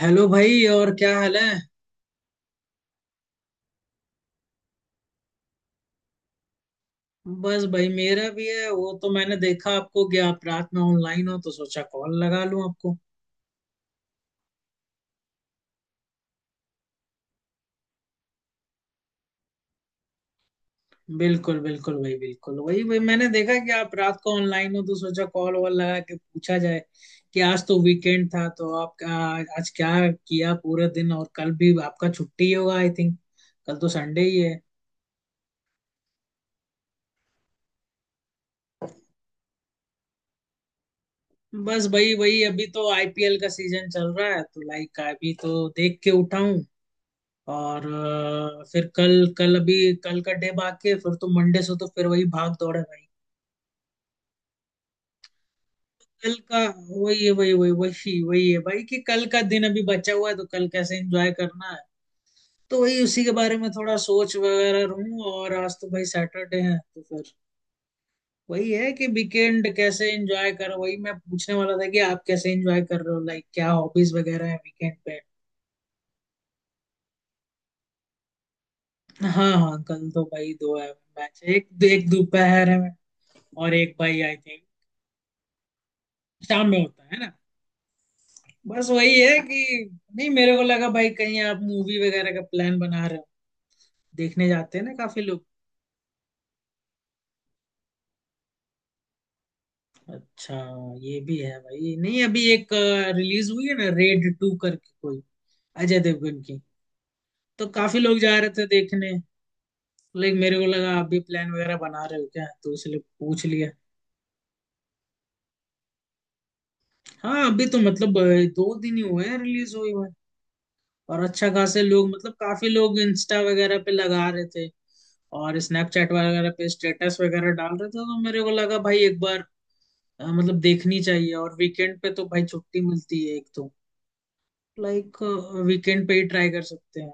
Hello भाई। और क्या हाल है? बस भाई, मेरा भी है। वो तो मैंने देखा आपको कि आप रात में ऑनलाइन हो, तो सोचा कॉल लगा लूं आपको। बिल्कुल बिल्कुल भाई, बिल्कुल वही भाई। मैंने देखा कि आप रात को ऑनलाइन हो, तो सोचा कॉल वॉल लगा के पूछा जाए कि आज तो वीकेंड था, तो आप आज क्या किया पूरा दिन। और कल भी आपका छुट्टी ही होगा, आई थिंक। कल तो संडे ही है। बस भाई वही, अभी तो आईपीएल का सीजन चल रहा है, तो लाइक अभी तो देख के उठा हूं। और फिर कल कल अभी कल का डे बाकी है। फिर तो मंडे से तो फिर वही भाग दौड़ है भाई। कल का वही है। वही वही वही वही है भाई कि कल का दिन अभी बचा हुआ है, तो कल कैसे एंजॉय करना है, तो वही उसी के बारे में थोड़ा सोच वगैरह रहूं। और आज तो भाई सैटरडे है, तो फिर वही है कि वीकेंड कैसे एंजॉय करो। वही मैं पूछने वाला था कि आप कैसे एंजॉय कर रहे हो, लाइक क्या हॉबीज वगैरह है वीकेंड पे। हाँ हाँ, कल तो भाई दो है। मैच एक एक दोपहर है और एक भाई, आई थिंक, शाम में होता है ना। बस वही है कि नहीं, मेरे को लगा भाई कहीं आप मूवी वगैरह का प्लान बना रहे हो, देखने जाते हैं ना काफी लोग। अच्छा, ये भी है भाई। नहीं, अभी एक रिलीज हुई है ना, रेड टू करके कोई, अजय देवगन की, तो काफी लोग जा रहे थे देखने। लाइक मेरे को लगा आप भी प्लान वगैरह बना रहे हो क्या, तो इसलिए पूछ लिया। हाँ अभी तो मतलब 2 दिन ही हुए हैं रिलीज हुई। और अच्छा खासे लोग मतलब काफी लोग इंस्टा वगैरह पे लगा रहे थे और स्नैपचैट वगैरह पे स्टेटस वगैरह डाल रहे थे। तो मेरे को लगा भाई एक बार मतलब देखनी चाहिए। और वीकेंड पे तो भाई छुट्टी मिलती है एक तो, लाइक वीकेंड पे ही ट्राई कर सकते हैं।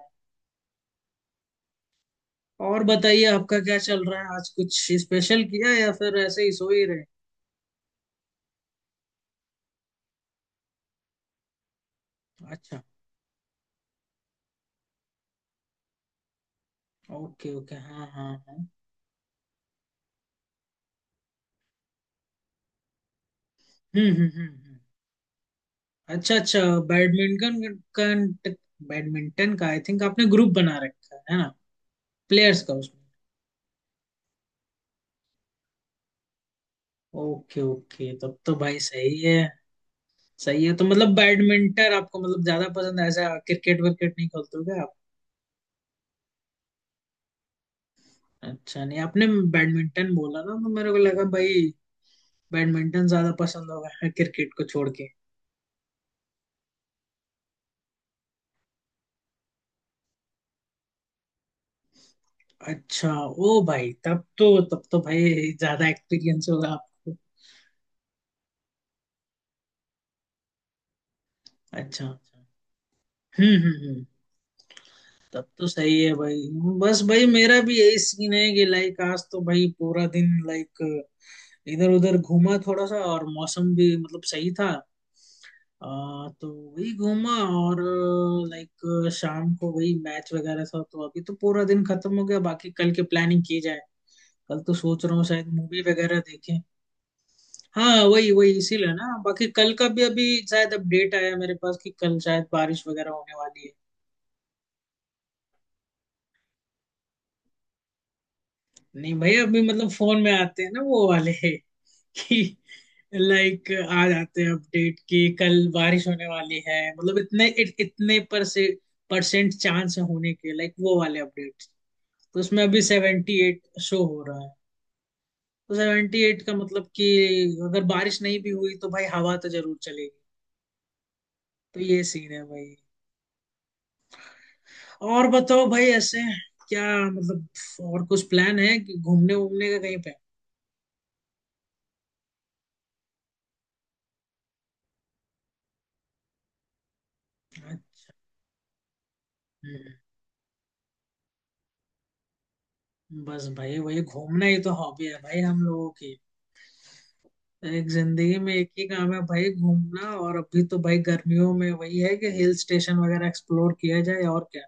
और बताइए, आपका क्या चल रहा है? आज कुछ स्पेशल किया या फिर ऐसे ही सो ही रहे? अच्छा। ओके ओके, हाँ हाँ हाँ। हम्म हम्म हम्म हम्म। अच्छा अच्छा। बैडमिंटन का, बैडमिंटन का आई थिंक आपने ग्रुप बना रखा है ना, प्लेयर्स का उसमें। ओके ओके, तब तो भाई सही है। सही है, तो मतलब बैडमिंटन आपको मतलब ज्यादा पसंद है ऐसा, क्रिकेट विकेट नहीं खेलते हो क्या आप? अच्छा, नहीं आपने बैडमिंटन बोला ना, तो मेरे को लगा भाई बैडमिंटन ज्यादा पसंद होगा, क्रिकेट को छोड़ के। अच्छा, ओ भाई तब तो भाई ज्यादा एक्सपीरियंस होगा आपको। अच्छा अच्छा। हम्म। तब तो सही है भाई। बस भाई मेरा भी यही सीन है कि लाइक आज तो भाई पूरा दिन लाइक इधर उधर घूमा थोड़ा सा। और मौसम भी मतलब सही था, तो वही घूमा। और लाइक शाम को वही मैच वगैरह था, तो अभी तो पूरा दिन खत्म हो गया। बाकी कल की प्लानिंग की जाए, कल तो सोच रहा हूँ शायद मूवी वगैरह देखें। हाँ वही वही, इसीलिए ना। बाकी कल का भी अभी शायद अपडेट आया मेरे पास कि कल शायद बारिश वगैरह होने वाली है। नहीं भाई, अभी मतलब फोन में आते हैं ना वो वाले कि लाइक आज आते हैं अपडेट कि कल बारिश होने वाली है, मतलब इतने इतने पर से परसेंट चांस है होने के, लाइक वो वाले अपडेट। तो उसमें अभी 78 शो हो रहा है। तो 78 का मतलब कि अगर बारिश नहीं भी हुई तो भाई हवा तो जरूर चलेगी। तो ये सीन है भाई। और बताओ भाई, ऐसे क्या, मतलब और कुछ प्लान है कि घूमने वूमने का कहीं पे? बस भाई, वही घूमना ही तो हॉबी है भाई हम लोगों की। एक जिंदगी में एक ही काम है भाई, घूमना। और अभी तो भाई गर्मियों में वही है कि हिल स्टेशन वगैरह एक्सप्लोर किया जाए, और क्या।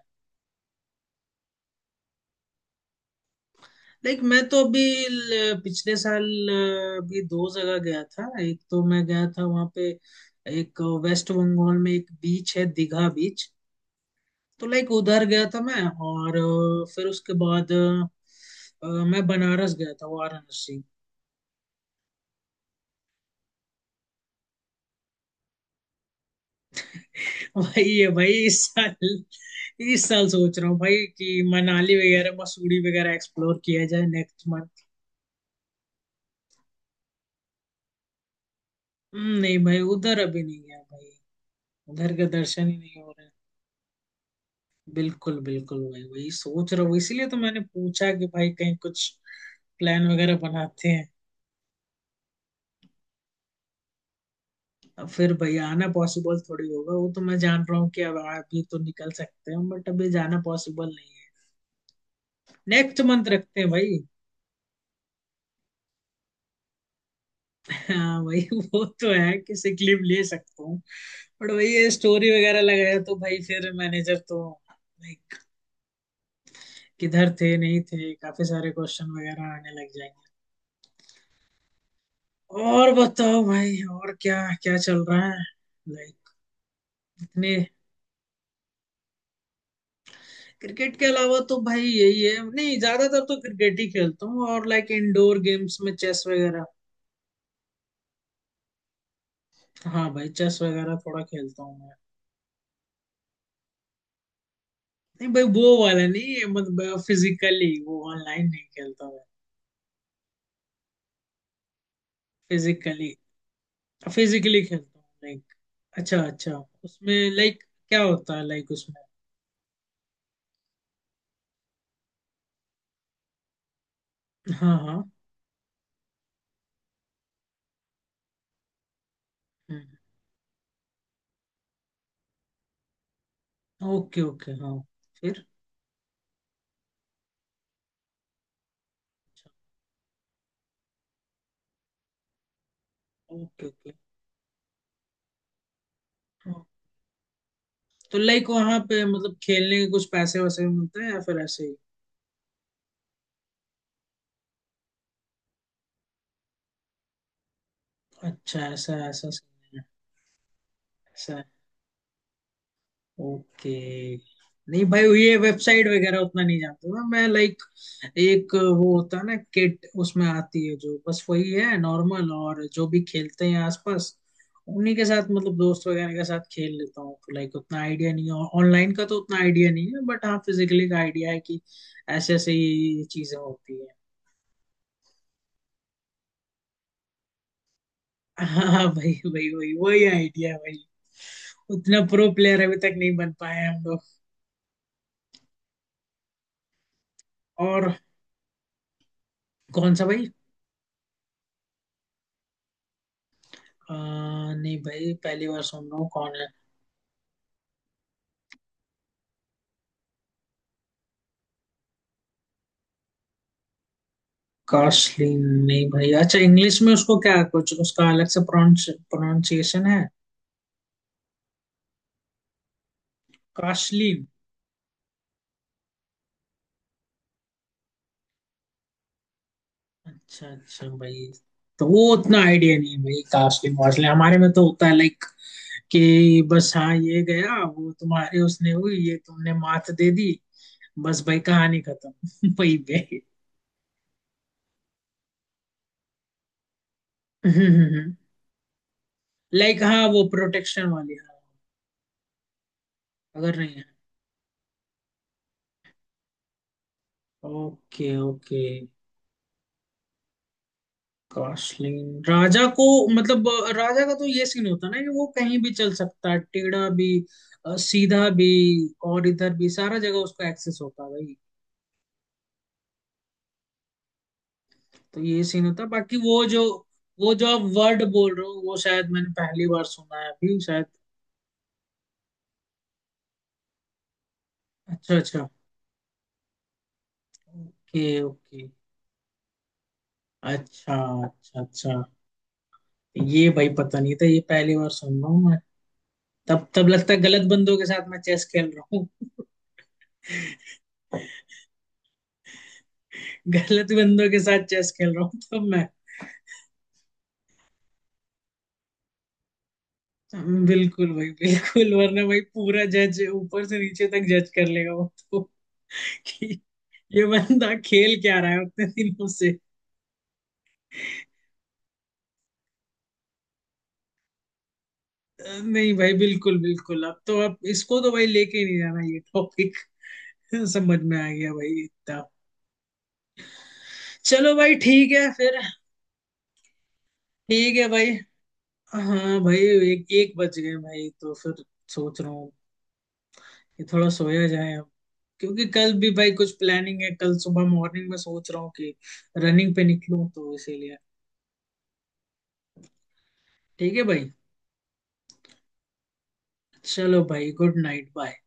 लाइक मैं तो अभी पिछले साल भी 2 जगह गया था। एक तो मैं गया था वहां पे, एक वेस्ट बंगाल में एक बीच है, दीघा बीच, तो लाइक उधर गया था मैं। और फिर उसके बाद अ, मैं बनारस गया था, वाराणसी। भाई ये भाई इस साल सोच रहा हूँ भाई कि मनाली वगैरह मसूरी वगैरह एक्सप्लोर किया जाए नेक्स्ट मंथ। नहीं भाई, उधर अभी नहीं गया भाई, उधर के दर्शन ही नहीं हो रहे। बिल्कुल बिल्कुल भाई, वही सोच रहा हूँ, इसीलिए तो मैंने पूछा कि भाई कहीं कुछ प्लान वगैरह बनाते हैं। अब फिर भाई आना पॉसिबल थोड़ी होगा, वो तो मैं जान रहा हूँ कि अब अभी तो निकल सकते हैं बट अभी जाना पॉसिबल नहीं है। नेक्स्ट मंथ रखते हैं भाई। हाँ भाई वो तो है कि सिक लीव ले सकता हूँ बट वही ये स्टोरी वगैरह लगाया तो भाई फिर मैनेजर तो, लाइक किधर थे नहीं थे, काफी सारे क्वेश्चन वगैरह आने लग जाएंगे। और बताओ भाई, और क्या क्या चल रहा है लाइक? इतने क्रिकेट के अलावा तो भाई यही है, नहीं ज्यादातर तो क्रिकेट ही खेलता हूँ, और लाइक इंडोर गेम्स में चेस वगैरह। हाँ भाई, चेस वगैरह थोड़ा खेलता हूँ मैं। नहीं भाई वो वाला नहीं, मतलब फिजिकली, वो ऑनलाइन नहीं खेलता मैं। फिजिकली, फिजिकली खेलता हूँ लाइक। अच्छा अच्छा। उसमें लाइक क्या होता है लाइक उसमें? हाँ हाँ। ओके ओके हाँ। फिर अच्छा, ओके ओके, हाँ। तो लाइक वहाँ पे मतलब खेलने के कुछ पैसे वैसे भी मिलते हैं या फिर ऐसे ही? अच्छा, ऐसा ऐसा सीन है। ऐसा। ओके। नहीं भाई, ये वेबसाइट वगैरह उतना नहीं जानता हूँ मैं, लाइक एक वो होता है ना किट, उसमें आती है जो, बस वही है नॉर्मल। और जो भी खेलते हैं आसपास, उन्हीं के साथ मतलब दोस्त वगैरह के साथ खेल लेता हूँ। तो लाइक उतना आइडिया नहीं है ऑनलाइन का, तो उतना आइडिया नहीं है बट हाँ, फिजिकली का आइडिया है कि ऐसे ऐसे ये चीजें होती है। हाँ भाई भाई वही वही आइडिया है भाई, उतना प्रो प्लेयर अभी तक नहीं बन पाए हम लोग। और कौन सा भाई? आ, नहीं भाई, पहली बार सुन रहा हूँ, कौन है? कास्लिन, नहीं भाई, अच्छा इंग्लिश में उसको क्या कुछ उसका अलग से प्रोनाउंस प्रोनाउंसिएशन है? कास्लिन? अच्छा अच्छा भाई, तो वो उतना आइडिया नहीं है भाई। कास्लिन वास्लिन हमारे में तो होता है लाइक कि बस हाँ, ये गया वो, तुम्हारे उसने हुई, ये तुमने मात दे दी, बस भाई कहानी खत्म वही भाई। लाइक हाँ, वो प्रोटेक्शन वाली हाँ। अगर नहीं है। Okay okay. कॉस्टलिंग, राजा को, मतलब राजा का तो ये सीन होता है ना कि वो कहीं भी चल सकता है, टेढ़ा भी सीधा भी, और इधर भी, सारा जगह उसको एक्सेस होता है भाई। तो ये सीन होता है, बाकी वो जो, वो जो आप वर्ड बोल रहे हो वो शायद मैंने पहली बार सुना है अभी शायद। अच्छा अच्छा। Okay okay. अच्छा अच्छा अच्छा। ये भाई पता नहीं था, ये पहली बार सुन रहा हूँ मैं। तब तब लगता है गलत बंदों के साथ मैं चेस खेल रहा हूँ गलत बंदों के साथ चेस खेल रहा हूँ तब मैं। हाँ, बिल्कुल भाई बिल्कुल, वरना भाई पूरा जज ऊपर से नीचे तक जज कर लेगा वो तो। कि ये बंदा खेल क्या रहा है उतने दिनों से। नहीं भाई बिल्कुल बिल्कुल, अब तो अब इसको तो भाई लेके ही नहीं जाना ये टॉपिक। समझ में आ गया भाई इतना। चलो भाई ठीक है फिर। ठीक है भाई, हाँ भाई एक एक बज गए भाई, तो फिर सोच रहा हूँ कि थोड़ा सोया जाए अब। क्योंकि कल भी भाई कुछ प्लानिंग है, कल सुबह मॉर्निंग में सोच रहा हूँ कि रनिंग पे निकलूं, तो इसीलिए। ठीक है भाई, चलो भाई, गुड नाइट, बाय।